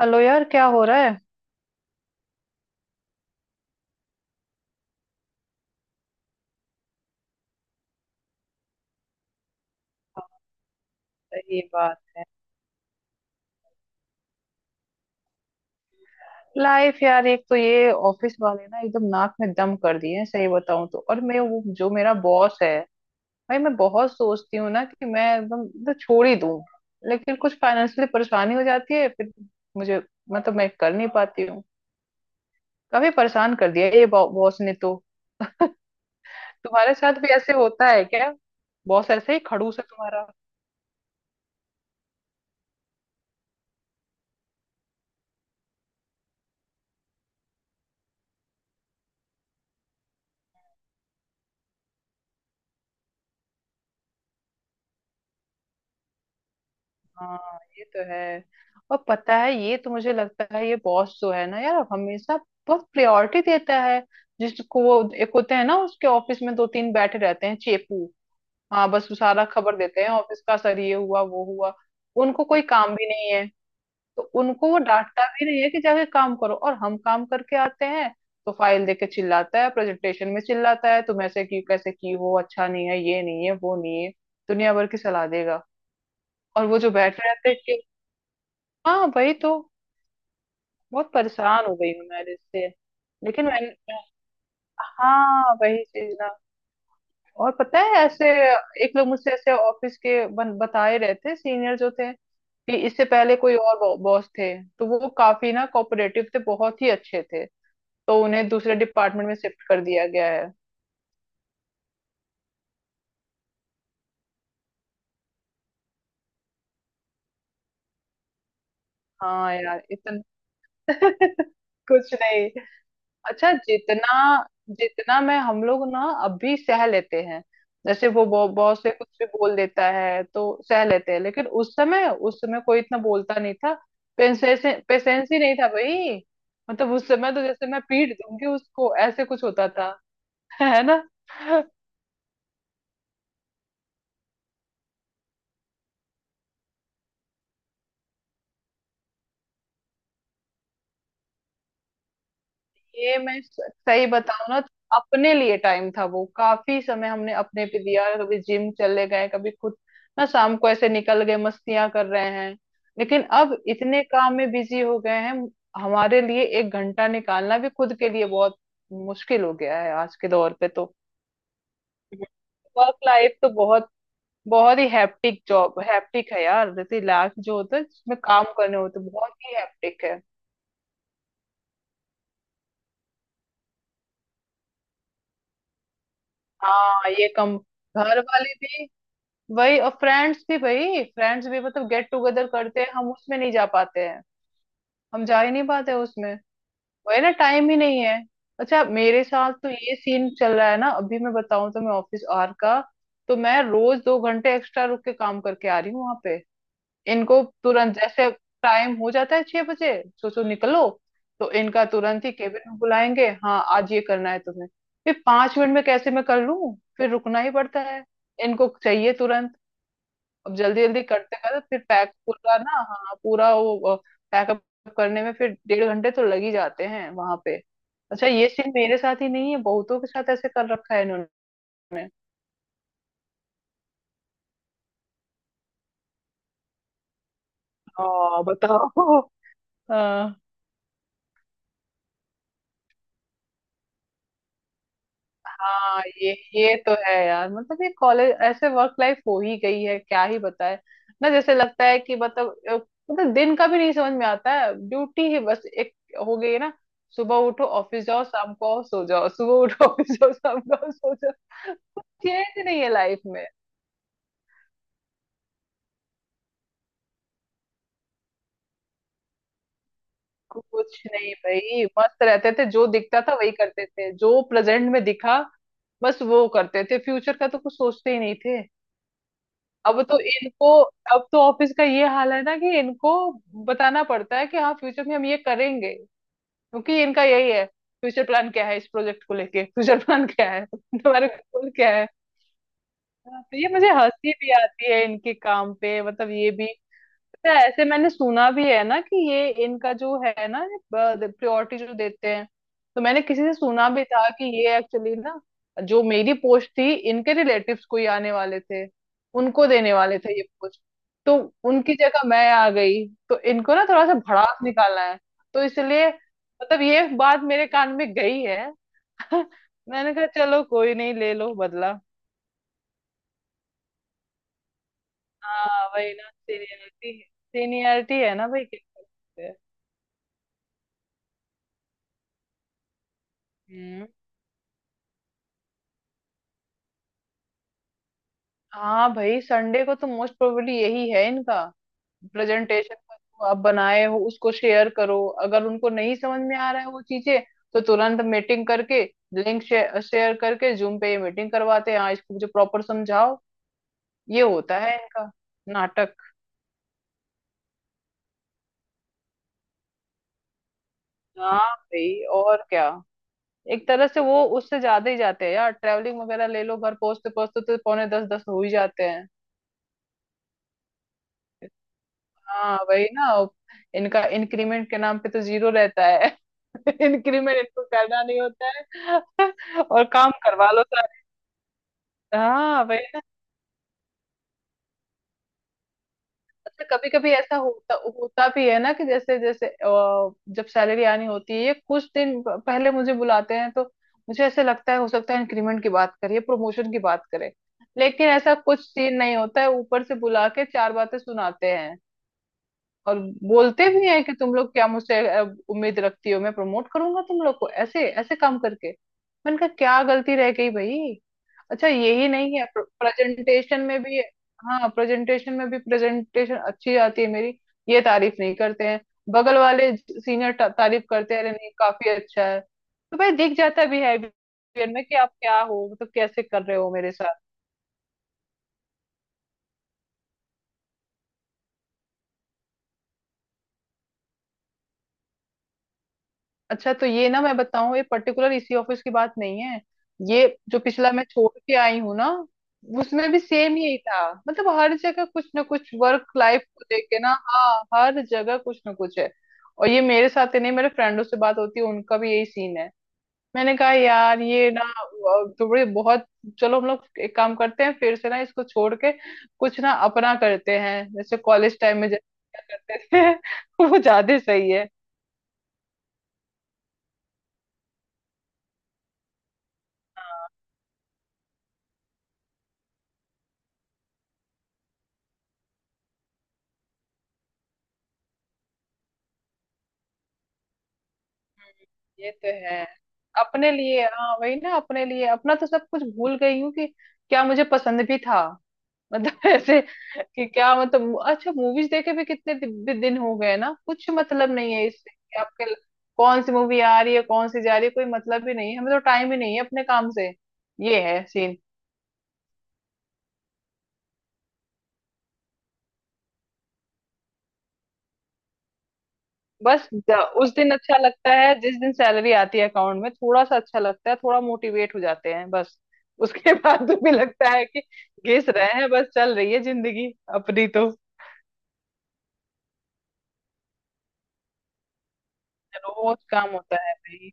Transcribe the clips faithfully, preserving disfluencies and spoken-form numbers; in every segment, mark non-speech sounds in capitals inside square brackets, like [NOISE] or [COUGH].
Hello यार, क्या हो रहा है। सही बात है। लाइफ यार, एक तो ये ऑफिस वाले ना एकदम नाक में दम कर दिए हैं सही बताऊं तो। और मैं वो जो मेरा बॉस है, भाई मैं बहुत सोचती हूँ ना कि मैं एकदम तो छोड़ ही दूं, लेकिन कुछ फाइनेंशियली परेशानी हो जाती है फिर मुझे। मतलब मैं कर नहीं पाती हूँ। काफी परेशान कर दिया ये बॉ- बॉस ने तो। तुम्हारे साथ भी ऐसे होता है क्या। बॉस ऐसे ही खड़ूस है तुम्हारा। हाँ ये तो है। और पता है, ये तो मुझे लगता है ये बॉस जो है ना यार, हमेशा बहुत प्रायोरिटी देता है जिसको। वो एक होते हैं ना, उसके ऑफिस में दो तीन बैठे रहते हैं चेपू। हाँ, बस वो सारा खबर देते हैं ऑफिस का। सर ये हुआ वो हुआ। उनको कोई काम भी नहीं है तो उनको वो डांटता भी नहीं है कि जाके काम करो। और हम काम करके आते हैं तो फाइल देके चिल्लाता है, प्रेजेंटेशन में चिल्लाता है तुम ऐसे की कैसे की हो, अच्छा नहीं है ये नहीं है वो नहीं है। दुनिया भर की सलाह देगा। और वो जो बैठे रहते हैं, हाँ वही तो। बहुत परेशान हो गई हूँ मैं इससे। लेकिन मैंने, हाँ वही चीज ना। और पता है ऐसे एक लोग मुझसे ऐसे ऑफिस के बन, बताए रहे थे, सीनियर जो थे, कि इससे पहले कोई और बॉस थे तो वो काफी ना कोऑपरेटिव थे, बहुत ही अच्छे थे। तो उन्हें दूसरे डिपार्टमेंट में शिफ्ट कर दिया गया है। हाँ यार इतना [LAUGHS] कुछ नहीं। अच्छा, जितना जितना मैं, हम लोग ना अभी सह लेते हैं, जैसे वो बॉ- बॉस से कुछ भी बोल देता है तो सह लेते हैं, लेकिन उस समय उस समय कोई इतना बोलता नहीं था। पेशेंस, पेशेंस ही नहीं था भाई। मतलब उस समय तो जैसे मैं पीट दूंगी उसको, ऐसे कुछ होता था। [LAUGHS] है ना। ये मैं स- सही बताऊं ना तो अपने लिए टाइम था, वो काफी समय हमने अपने पे दिया, कभी जिम चले गए कभी खुद ना शाम को ऐसे निकल गए मस्तियां कर रहे हैं। लेकिन अब इतने काम में बिजी हो गए हैं, हमारे लिए एक घंटा निकालना भी खुद के लिए बहुत मुश्किल हो गया है आज के दौर पे तो। वर्क लाइफ तो बहुत, बहुत ही हैप्टिक जॉब, हैप्टिक है यार, जैसे लाइफ जो होता है जिसमें काम करने होते, बहुत ही हैप्टिक है। हाँ ये कम घर वाले भी, वही। और फ्रेंड्स भी भाई, फ्रेंड्स भी मतलब गेट टुगेदर करते हैं, हम उसमें नहीं जा पाते हैं। हम जा ही नहीं पाते उसमें। वही ना, टाइम ही नहीं है। अच्छा मेरे साथ तो ये सीन चल रहा है ना अभी, मैं बताऊं तो, मैं ऑफिस आर का, तो मैं रोज दो घंटे एक्स्ट्रा रुक के काम करके आ रही हूँ वहां पे। इनको तुरंत जैसे टाइम हो जाता है छह बजे, सोचो निकलो, तो इनका तुरंत ही केबिन में बुलाएंगे, हाँ आज ये करना है तुम्हें। फिर पांच मिनट में कैसे मैं कर लूं, फिर रुकना ही पड़ता है। इनको चाहिए तुरंत। अब जल्दी जल्दी करते करते फिर पैक पूरा ना, हाँ पूरा वो पैकअप करने में फिर डेढ़ घंटे तो लग ही जाते हैं वहां पे। अच्छा ये सीन मेरे साथ ही नहीं है, बहुतों के साथ ऐसे कर रखा है इन्होंने। हाँ बताओ। हाँ हाँ, ये ये तो है यार, मतलब ये कॉलेज, ऐसे वर्क लाइफ हो ही गई है, क्या ही बताए। ना जैसे लगता है कि मतलब अ, मतलब दिन का भी नहीं समझ में आता है, ड्यूटी ही बस एक हो गई है ना। सुबह उठो ऑफिस जाओ शाम को आओ सो जाओ, सुबह उठो ऑफिस जाओ शाम को आओ सो जाओ। कुछ चेंज नहीं है लाइफ में। कुछ नहीं भाई, मस्त रहते थे, जो दिखता था वही करते थे, जो प्रेजेंट में दिखा बस वो करते थे, फ्यूचर का तो कुछ सोचते ही नहीं थे। अब तो इनको, अब तो ऑफिस का ये हाल है ना कि इनको बताना पड़ता है कि हाँ फ्यूचर में हम ये करेंगे, क्योंकि इनका यही है, फ्यूचर प्लान क्या है, इस प्रोजेक्ट को लेके फ्यूचर प्लान क्या है, [LAUGHS] तुम्हारे गोल क्या है। हाँ, तो ये मुझे हंसी भी आती है इनके काम पे, मतलब ये भी। तो ऐसे मैंने सुना भी है ना कि ये इनका जो है ना प्रायोरिटी जो देते हैं, तो मैंने किसी से सुना भी था कि ये एक्चुअली ना, जो मेरी पोस्ट थी, इनके रिलेटिव्स कोई आने वाले थे, उनको देने वाले थे ये पोस्ट, तो उनकी जगह मैं आ गई तो इनको ना थोड़ा सा भड़ास निकालना है, तो इसलिए। मतलब ये बात मेरे कान में गई है। [LAUGHS] मैंने कहा चलो कोई नहीं, ले लो बदला। हाँ वही ना, सीनियरिटी, सीनियरिटी है ना भाई, क्या कर सकते हैं। हाँ भाई, संडे को तो मोस्ट प्रोबेबली यही है इनका, प्रेजेंटेशन का, जो आप बनाए हो उसको शेयर करो, अगर उनको नहीं समझ में आ रहा है वो चीजें, तो तुरंत मीटिंग करके, लिंक शेयर करके जूम पे ये मीटिंग करवाते हैं, हाँ इसको मुझे प्रॉपर समझाओ। ये होता है इनका नाटक। हाँ भाई और क्या। एक तरह से वो उससे ज्यादा ही जाते हैं यार, ट्रैवलिंग वगैरह ले लो, घर पहुंचते पहुंचते तो पौने दस दस हो ही जाते हैं। हाँ वही ना। इनका इंक्रीमेंट के नाम पे तो जीरो रहता है। [LAUGHS] इंक्रीमेंट इनको करना नहीं होता है, [LAUGHS] और काम करवा लो सारे। हाँ वही ना। अच्छा कभी कभी ऐसा होता होता भी है ना कि जैसे जैसे अ, जब सैलरी आनी होती है ये कुछ दिन प- पहले मुझे बुलाते हैं तो मुझे ऐसे लगता है हो सकता है इंक्रीमेंट की बात करिए, प्रमोशन की बात करें, लेकिन ऐसा कुछ सीन नहीं होता है, ऊपर से बुला के चार बातें सुनाते। और बोलते भी हैं कि तुम लोग क्या मुझसे अ, उम्मीद रखती हो, मैं प्रमोट करूंगा तुम लोग को ऐसे ऐसे काम करके। मैंने कहा क्या गलती रह गई भाई। अच्छा यही नहीं है, प्रेजेंटेशन में भी, हाँ प्रेजेंटेशन में भी, प्रेजेंटेशन अच्छी आती है मेरी, ये तारीफ नहीं करते हैं, बगल वाले सीनियर तारीफ करते हैं, अरे नहीं काफी अच्छा है, तो भाई दिख जाता भी है बिहेवियर में कि आप क्या हो, मतलब कैसे कर रहे हो मेरे। अच्छा तो ये ना मैं बताऊं, ये पर्टिकुलर इसी ऑफिस की बात नहीं है, ये जो पिछला मैं छोड़ के आई हूँ ना, उसमें भी सेम ही था। मतलब हर जगह कुछ ना कुछ वर्क लाइफ को लेके ना, हाँ हर जगह कुछ ना कुछ है। और ये मेरे साथ ही नहीं, मेरे फ्रेंडों से बात होती है उनका भी यही सीन है। मैंने कहा यार ये ना अ, थोड़े बहुत, चलो हम लोग एक काम करते हैं फिर से ना, इसको छोड़ के कुछ ना अपना करते हैं जैसे कॉलेज टाइम में जैसे क्या करते थे, [LAUGHS] वो ज्यादा सही है। ये तो है, अपने लिए हाँ वही ना, अपने लिए अपना तो सब कुछ भूल गई हूँ, कि क्या मुझे पसंद भी था। मतलब [LAUGHS] ऐसे कि क्या मतलब मु- अच्छा मूवीज देखे भी कितने दि, दि, दिन हो गए ना, कुछ मतलब नहीं है इससे कि आपके ल- कौन सी मूवी आ रही है कौन सी जा रही है, कोई मतलब ही नहीं है, हमें तो टाइम ही नहीं है अपने काम से। ये है सीन। बस ज- उस दिन अच्छा लगता है जिस दिन सैलरी आती है अकाउंट में, थोड़ा सा अच्छा लगता है, थोड़ा मोटिवेट हो जाते हैं बस, उसके [LAUGHS] बाद तो भी लगता है कि घिस रहे हैं, बस चल रही है जिंदगी अपनी तो। रोज काम होता है भाई।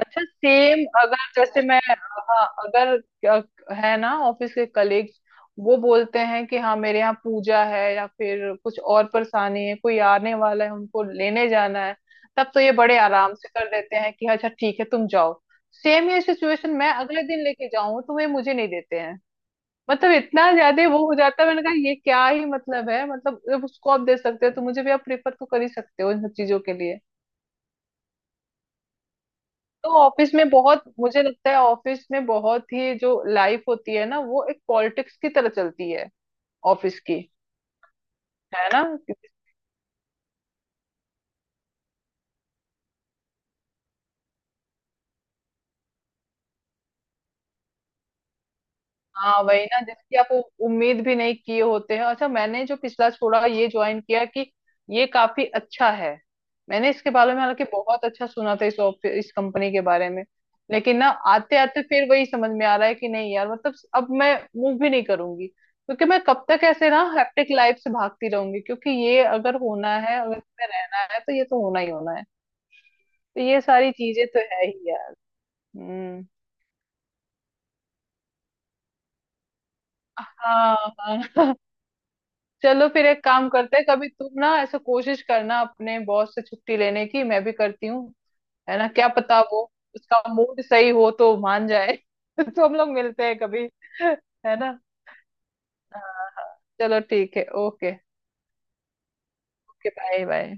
अच्छा सेम अगर जैसे मैं, हाँ अगर क्या- है ना, ऑफिस के कलीग्स वो बोलते हैं कि हाँ मेरे यहाँ पूजा है या फिर कुछ और परेशानी है, कोई आने वाला है उनको लेने जाना है, तब तो ये बड़े आराम से कर देते हैं कि अच्छा ठीक है तुम जाओ। सेम ये सिचुएशन मैं अगले दिन लेके जाऊं तो वे मुझे नहीं देते हैं। मतलब इतना ज्यादा वो हो जाता है, मैंने कहा ये क्या ही मतलब है, मतलब जब उसको आप दे सकते हो तो मुझे भी आप प्रेफर तो कर ही सकते हो इन सब चीजों के लिए। तो ऑफिस में बहुत, मुझे लगता है ऑफिस में बहुत ही जो लाइफ होती है ना वो एक पॉलिटिक्स की तरह चलती है, ऑफिस की। है ना। हाँ वही ना, जिसकी आप उ- उम्मीद भी नहीं किए होते हैं। अच्छा मैंने जो पिछला छोड़ा ये ज्वाइन किया कि ये काफी अच्छा है, मैंने इसके बारे में हालांकि बहुत अच्छा सुना था, इस ऑफ इस कंपनी के बारे में, लेकिन ना आते आते फिर वही समझ में आ रहा है कि नहीं यार, मतलब अब मैं मूव भी नहीं करूंगी, क्योंकि मैं कब तक ऐसे ना हैप्टिक लाइफ से भागती रहूंगी, क्योंकि ये अगर होना है, अगर इसमें रहना है तो ये तो होना ही होना है। तो ये सारी चीजें तो है ही यार। हम्म। हाँ हाँ। चलो फिर एक काम करते हैं, कभी तुम ना ऐसा कोशिश करना अपने बॉस से छुट्टी लेने की, मैं भी करती हूँ, है ना, क्या पता वो, उसका मूड सही हो तो मान जाए, [LAUGHS] तो हम लोग मिलते हैं कभी। है ना, हाँ हाँ। चलो ठीक है, ओके। Okay, bye bye.